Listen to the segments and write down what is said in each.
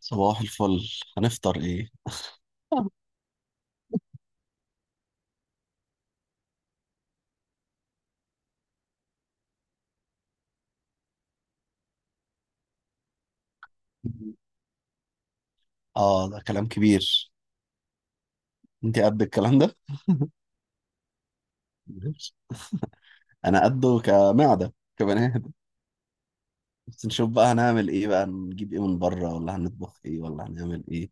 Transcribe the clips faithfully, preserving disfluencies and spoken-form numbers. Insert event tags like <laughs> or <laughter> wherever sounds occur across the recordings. صباح الفل. هنفطر ايه؟ اه، ده كلام كبير. انت قد الكلام ده؟ ماشي. انا قده كمعده كبني ادم. بس نشوف بقى هنعمل ايه، بقى نجيب ايه من بره، ولا هنطبخ ايه، ولا هنعمل ايه؟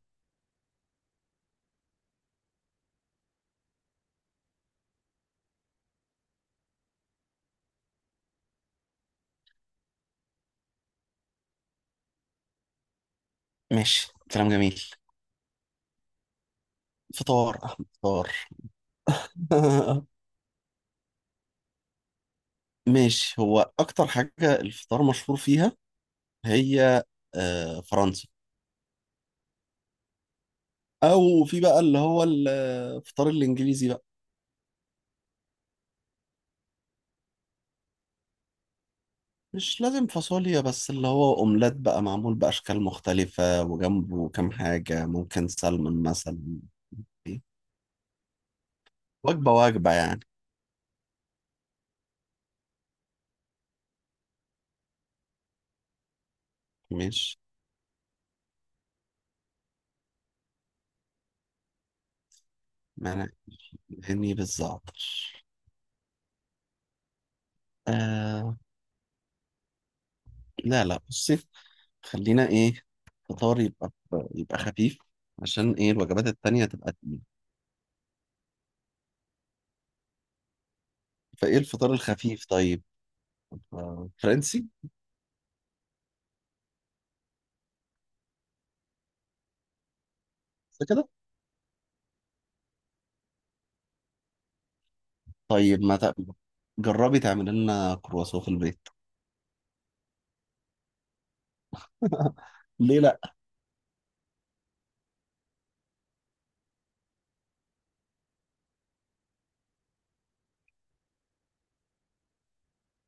ماشي، كلام جميل. فطار، احمد، فطار. <laughs> ماشي. هو اكتر حاجه الفطار مشهور فيها هي آه، فرنسا. او في بقى اللي هو الفطار الانجليزي بقى. مش لازم فاصوليا، بس اللي هو اومليت بقى معمول باشكال مختلفه، وجنبه كام حاجه، ممكن سلمون مثلا. وجبه وجبه يعني. مش مانع اني بالظبط. آه لا لا، بصي. خلينا ايه، الفطار يبقى يبقى خفيف. عشان ايه الوجبات التانية تبقى تقيلة. فايه الفطار الخفيف طيب؟ آه، فرنسي. بس كده. طيب، ما تق- جربي تعملي لنا كرواسون في البيت. <laughs> ليه لا؟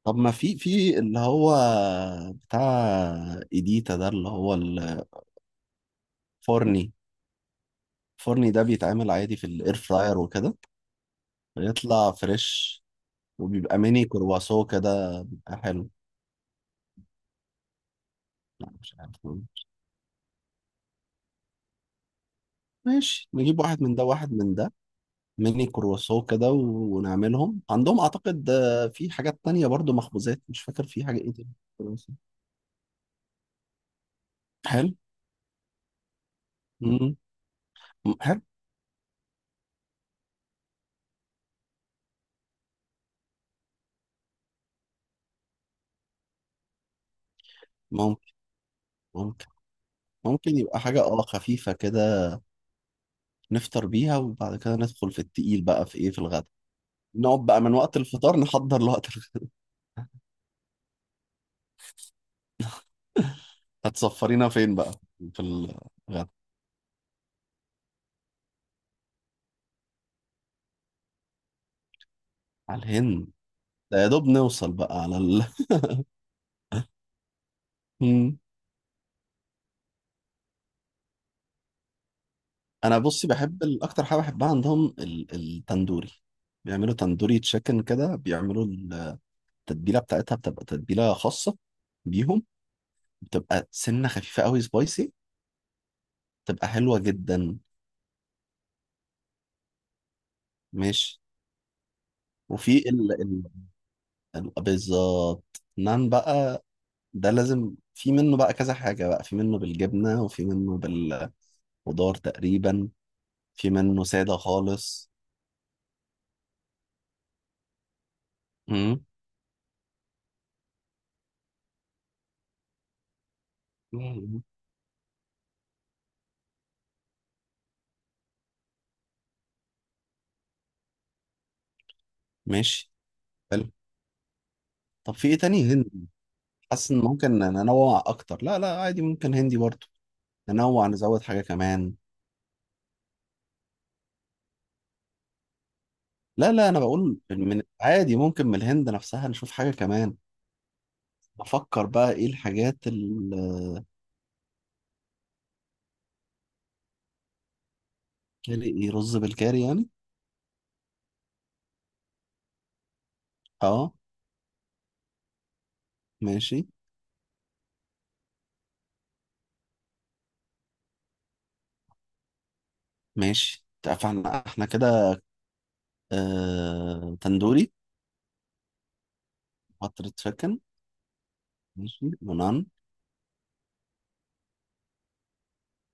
طب ما في في اللي هو بتاع، ايديتا ده اللي هو الفرني الفرني ده بيتعمل عادي في الاير فراير وكده. بيطلع فريش، وبيبقى ميني كرواسو كده، بيبقى حلو. لا، مش عارف. ماشي، نجيب واحد من ده واحد من ده. ميني كرواسو كده و- ونعملهم عندهم، اعتقد آه، في حاجات تانية برضو، مخبوزات، مش فاكر في حاجة ايه تاني. كرواسو. حلو. مم. حلو. ممكن، ممكن، ممكن يبقى حاجة اه خفيفة كده. نفطر بيها، وبعد كده ندخل في التقيل بقى في ايه، في الغدا. نقعد بقى من وقت الفطار نحضر لوقت الغدا. هتسفرينا فين بقى في الغدا؟ على الهند. ده يا دوب نوصل بقى على ال... <laughs> مم. انا بصي بحب ال- اكتر حاجه بحبها عندهم ال- التندوري. بيعملوا تندوري تشيكن كده، بيعملوا التتبيله بتاعتها بتبقى تتبيله خاصه بيهم، بتبقى سنه خفيفه قوي سبايسي، بتبقى حلوه جدا. ماشي. وفي ال... ال... ال- بالظبط، نان بقى. ده لازم في منه بقى كذا حاجة بقى، في منه بالجبنة وفي منه بالخضار تقريبا، في منه سادة خالص. مم. مم. ماشي، حلو. طب في ايه تاني هندي؟ حاسس ان ممكن ننوع اكتر. لا لا، عادي ممكن هندي برضو. ننوع نزود حاجة كمان. لا لا، انا بقول من عادي ممكن من الهند نفسها نشوف حاجة كمان. بفكر بقى ايه الحاجات، الكاري. ايه، رز بالكاري يعني؟ اه، ماشي. ماشي، فاحنا احنا كده آه... تندوري، قطر تشيكن. ماشي يونان.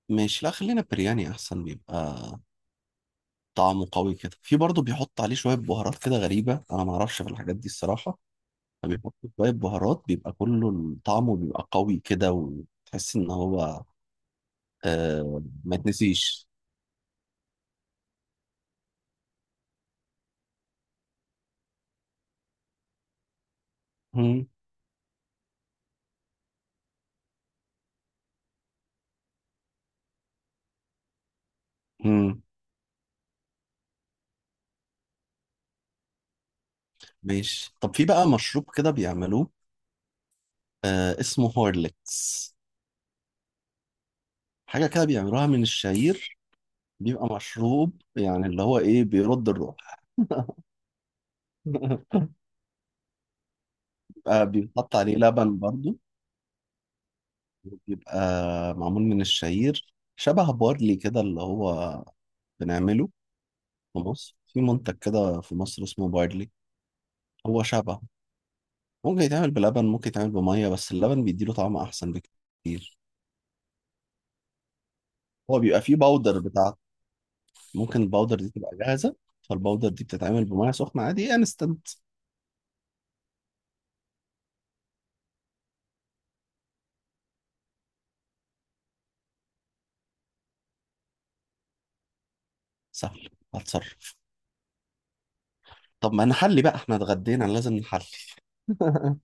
ماشي، لا، خلينا برياني احسن بيبقى. طعمه قوي كده، في برضه بيحط عليه شويه بهارات كده غريبه، انا ما اعرفش في الحاجات دي الصراحه. فبيحط شويه بهارات بيبقى كله، طعمه بيبقى قوي كده، وتحس ان هو... آه، ما تنسيش. مم. مم. ماشي. طب في بقى مشروب كده بيعملوه؟ آه، اسمه هورليكس. حاجه كده بيعملوها من الشعير. بيبقى مشروب يعني اللي هو ايه، بيرد الروح. <laughs> آه، بيحط عليه لبن برضو. بيبقى معمول من الشعير شبه بارلي كده اللي هو بنعمله في مصر. في منتج كده في مصر اسمه بارلي. هو شبه. ممكن يتعمل بلبن، ممكن يتعمل بمية، بس اللبن بيديله طعم أحسن بكتير. هو بيبقى فيه باودر بتاعته. ممكن الباودر دي تبقى جاهزة. فالباودر دي بتتعمل بمية سخنة عادي، انستنت. سهل، هتصرف. طب ما نحلي بقى، احنا اتغدينا لازم نحلي. <laughs>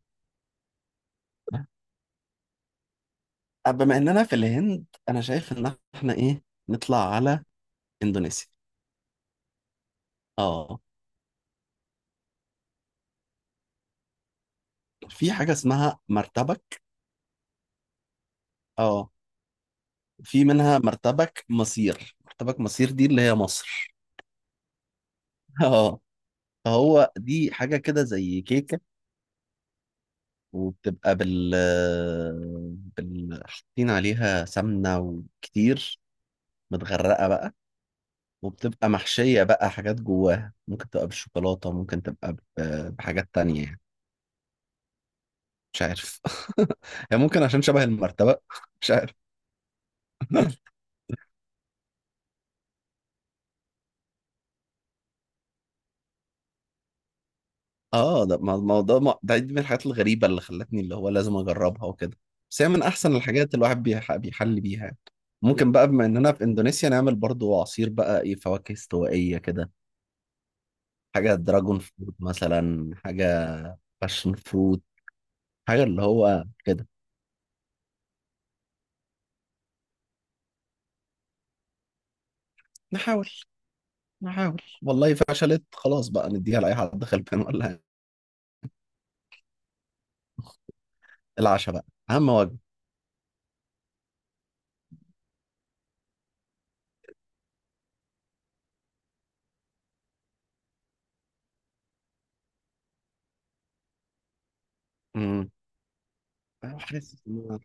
بما اننا في الهند، انا شايف ان احنا ايه، نطلع على اندونيسيا. اه، في حاجة اسمها مرتبك. اه، في منها مرتبك مصير. مرتبك مصير دي اللي هي مصر. <laughs> اه، فهو دي حاجة كده زي كيكة. وبتبقى بال بال حاطين عليها سمنة وكتير، متغرقة بقى. وبتبقى محشية بقى حاجات جواها، ممكن تبقى بالشوكولاتة، ممكن تبقى ب- بحاجات تانية يعني. مش عارف. <laughs> هي ممكن عشان شبه المرتبة. <laughs> مش عارف. اه، ده ما ما- هو ده ما- ده دي من الحاجات الغريبة اللي خلتني اللي هو لازم اجربها وكده. بس هي من احسن الحاجات الواحد بيح- بيحل بيها يعني. ممكن بقى بما اننا في اندونيسيا نعمل برضو عصير بقى، ايه، فواكه استوائية كده. حاجة دراجون فروت مثلا، حاجة باشن فروت، حاجة اللي هو كده. نحاول، نحاول. والله فشلت خلاص بقى، نديها لأي حد خلفان ولا حاجة. العشاء بقى، أهم وجبة. امم أنا حاسس إن...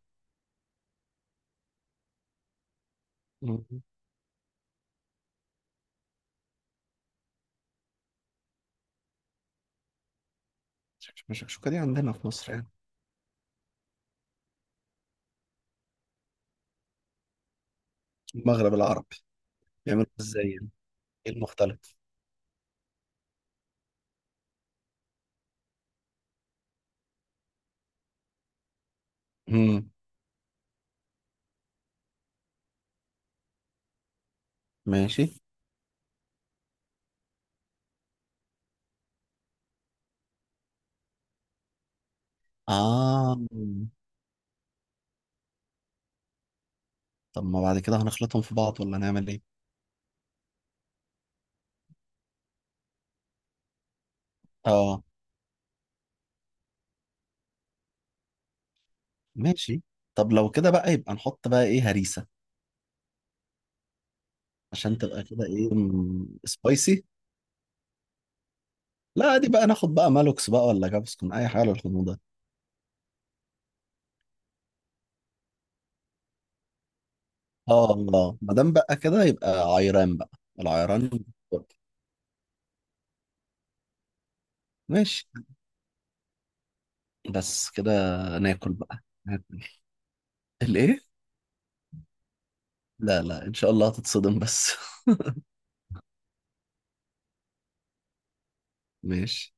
الشكشوكة دي عندنا في مصر يعني. المغرب العربي، بيعملوا ازاي يعني؟ ايه المختلف؟ امم ماشي. اه، طب ما بعد كده هنخلطهم في بعض ولا نعمل ايه؟ اه، ماشي. طب لو كده بقى، يبقى نحط بقى ايه، هريسة. عشان تبقى كده ايه، سبايسي. لا، دي بقى ناخد بقى مالوكس بقى ولا جابسكون، اي حاجة للحموضة ده. اه، الله، ما دام بقى كده يبقى عيران بقى. العيران. ماشي، بس كده. ناكل بقى، ناكل الايه؟ لا لا، ان شاء الله هتتصدم بس. <laughs> ماشي.